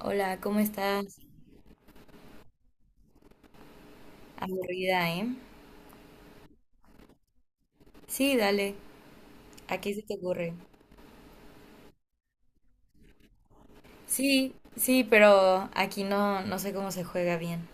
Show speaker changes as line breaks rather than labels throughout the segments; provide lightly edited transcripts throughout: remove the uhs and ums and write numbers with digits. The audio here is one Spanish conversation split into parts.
Hola, ¿cómo estás? Aburrida, ¿eh? Sí, dale. ¿A qué se te ocurre? Sí, sí, pero aquí no, no sé cómo se juega bien.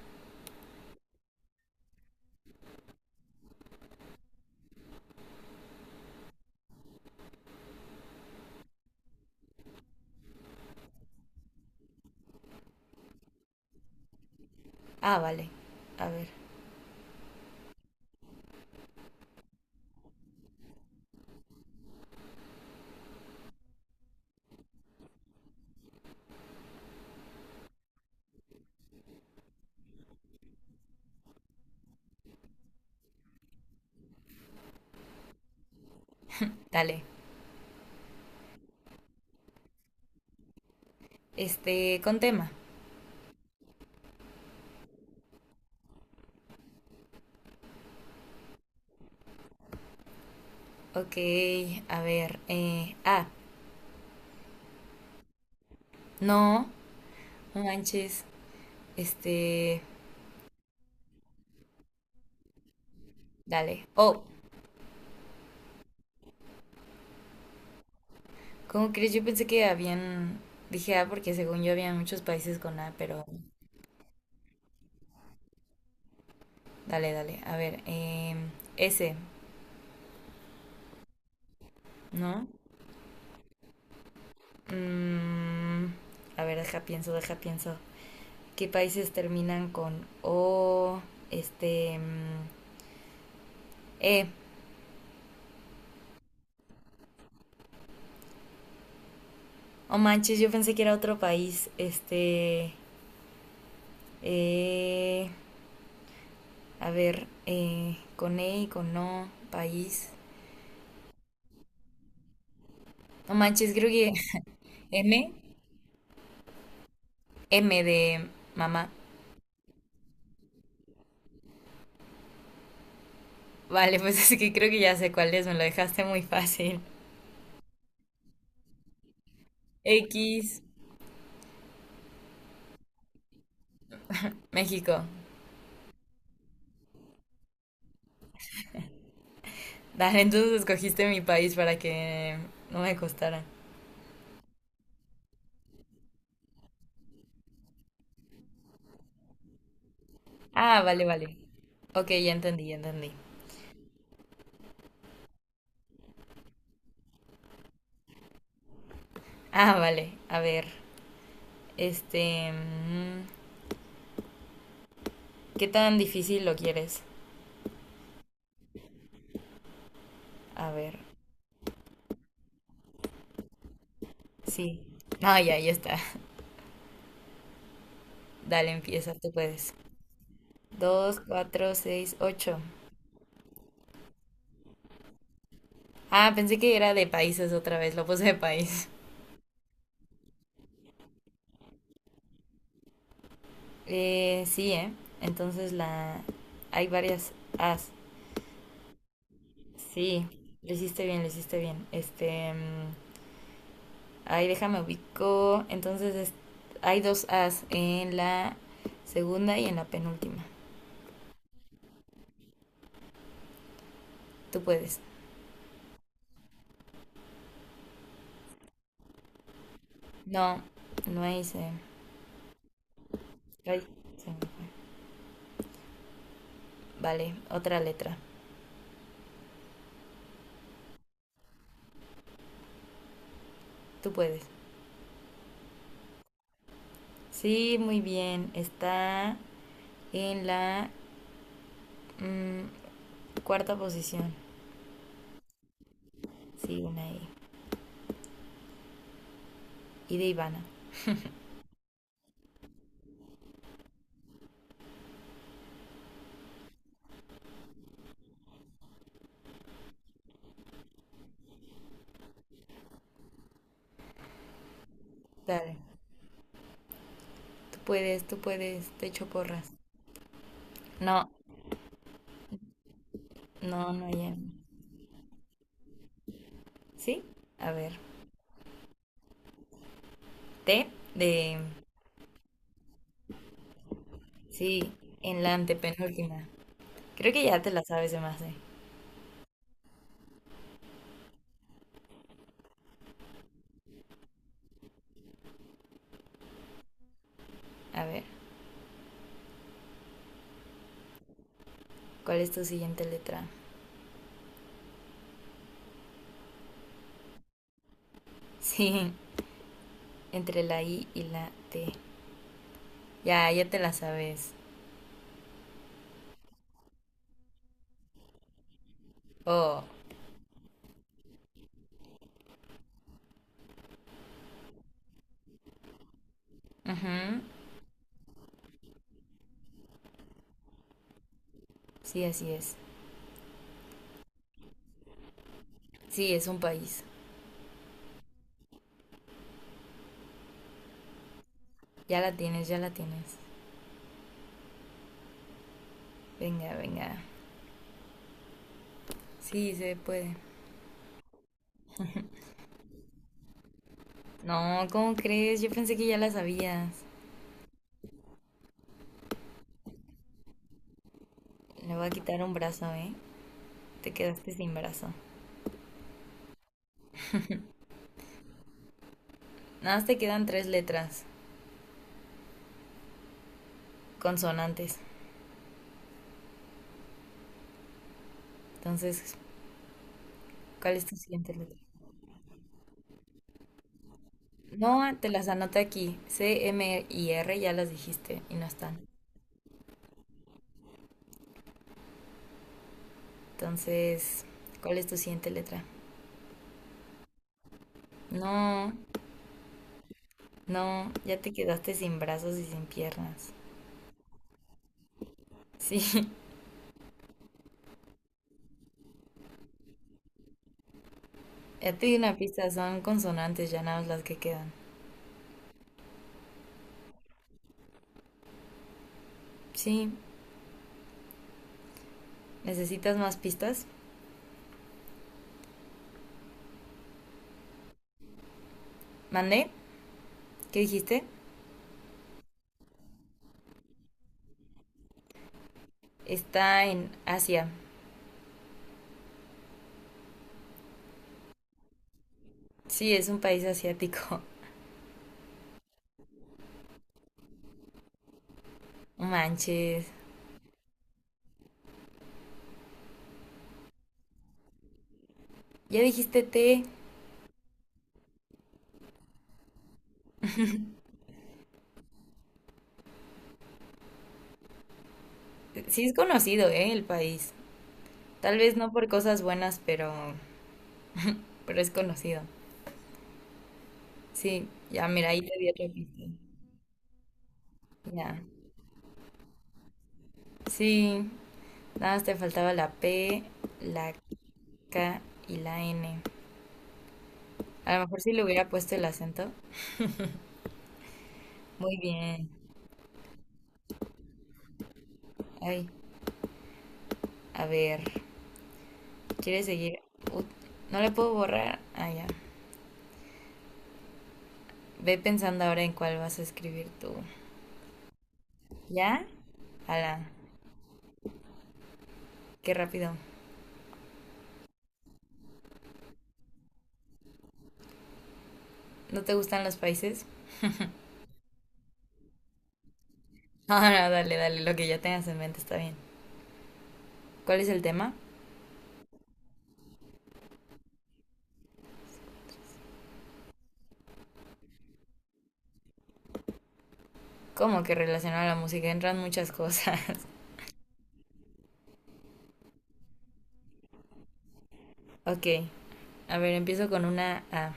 Ah, vale. A ver, dale. Con tema. Ok, a ver. No, no manches. Este, dale. Oh, ¿cómo crees? Yo pensé que habían... Dije ah, porque según yo había muchos países con A, pero dale, dale. A ver, S, ¿no? Mm, a ver, deja pienso, deja pienso. ¿Qué países terminan con O? Este. mm, eh. Oh manches, yo pensé que era otro país. Eh. A ver, con E y con O, país. No manches, creo que M. M de mamá. Vale, pues es que creo que ya sé cuál es, me lo dejaste muy fácil. X, México. Dale, entonces escogiste mi país para que no me costara. Ah, vale, vale. Ok, ya entendí, ya entendí. Ah, vale. A ver, este... mm, ¿qué tan difícil lo quieres? A ver, sí. No, ya, ya está. Dale, empieza, tú puedes. Dos, cuatro, seis, ocho. Ah, pensé que era de países otra vez, lo puse de país. Sí, ¿eh? Entonces hay varias as. Sí, lo hiciste bien, lo hiciste bien. Ahí déjame ubico. Entonces hay dos As en la segunda y en la penúltima. Tú puedes. No, no hice. Ay, se me fue. Vale, otra letra. Tú puedes. Sí, muy bien. Está en la mm, cuarta posición. Sí, una E. I. Y de Ivana. Dale. Tú puedes, tú puedes. Te echo porras. No, no, no hay M. ¿Sí? A ver. T de. Sí, en la antepenúltima. Creo que ya te la sabes de más, ¿eh? A ver, ¿cuál es tu siguiente letra? Sí, entre la I y la T. Ya, ya te la sabes. Oh, ujú. Sí, así es. Sí, es un país. Ya la tienes, ya la tienes. Venga, venga. Sí, se puede. No, ¿cómo crees? Yo pensé que ya la sabías. Le voy a quitar un brazo, ¿eh? Te quedaste sin brazo. Nada más te quedan tres letras consonantes. Entonces, ¿cuál es tu siguiente letra? No, te las anoté aquí. C, M y R ya las dijiste y no están. Entonces, ¿cuál es tu siguiente letra? No, no, ya te quedaste sin brazos y sin piernas. Sí, ya te di una pista, son consonantes, ya nada más las que quedan. Sí, ¿necesitas más pistas? ¿Mandé? ¿Qué dijiste? Está en Asia. Sí, es un país asiático. No manches. Ya dijiste T. Sí es conocido, ¿eh? El país. Tal vez no por cosas buenas, pero es conocido. Sí, ya mira, ahí te di otra pista. Ya. Sí, nada más te faltaba la P, la K y la N. A lo mejor si le hubiera puesto el acento. Muy bien. Ay, a ver, ¿quieres seguir? Ut- no le puedo borrar. Ah, ya. Ve pensando ahora en cuál vas a escribir tú. ¿Ya? Ala, qué rápido. ¿No te gustan los países? Ah, no, dale, dale, lo que ya tengas en mente está bien. ¿Cuál es el tema? Como que relacionado a la música entran muchas cosas. Ok, a ver, empiezo con una A.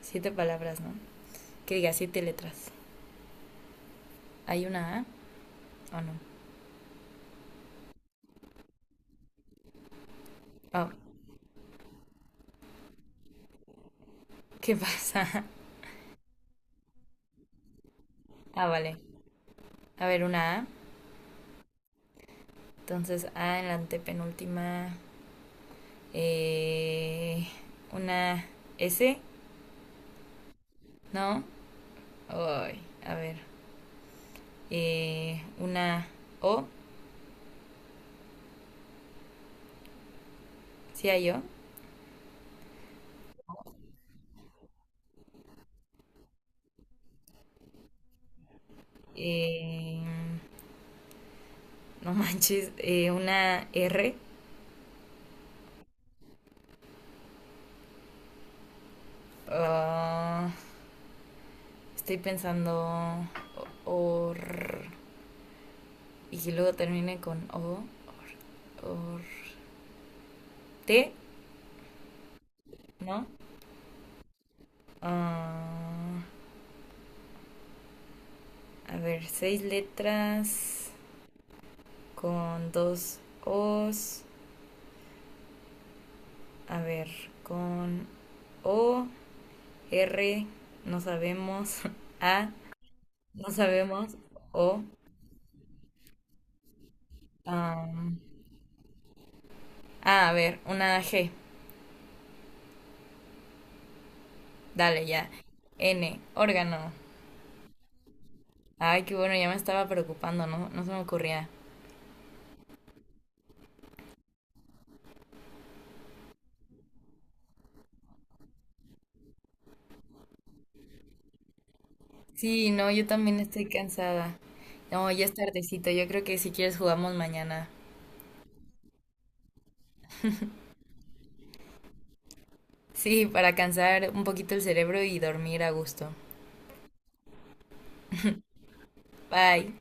Siete palabras, ¿no? Que diga siete letras. ¿Hay una A o no? Oh, ¿qué pasa? Ah, vale. A ver, una A. Entonces, A en la antepenúltima. Eh, una S, ¿no? Ay, a ver. Una O, ¿sí hay O? Eh, no manches. Una R. Ah, estoy pensando or y que luego termine con o, or t, ¿no? Ah, a ver, seis letras con dos os, a ver, con o, r, no sabemos, a, no sabemos, o, am, a ver, una g, dale ya, n, órgano. Ay, qué bueno, ya me estaba preocupando, ¿no? No se me ocurría. Sí, no, yo también estoy cansada. No, ya es tardecito. Yo creo que si quieres jugamos mañana. Sí, para cansar un poquito el cerebro y dormir a gusto. Bye.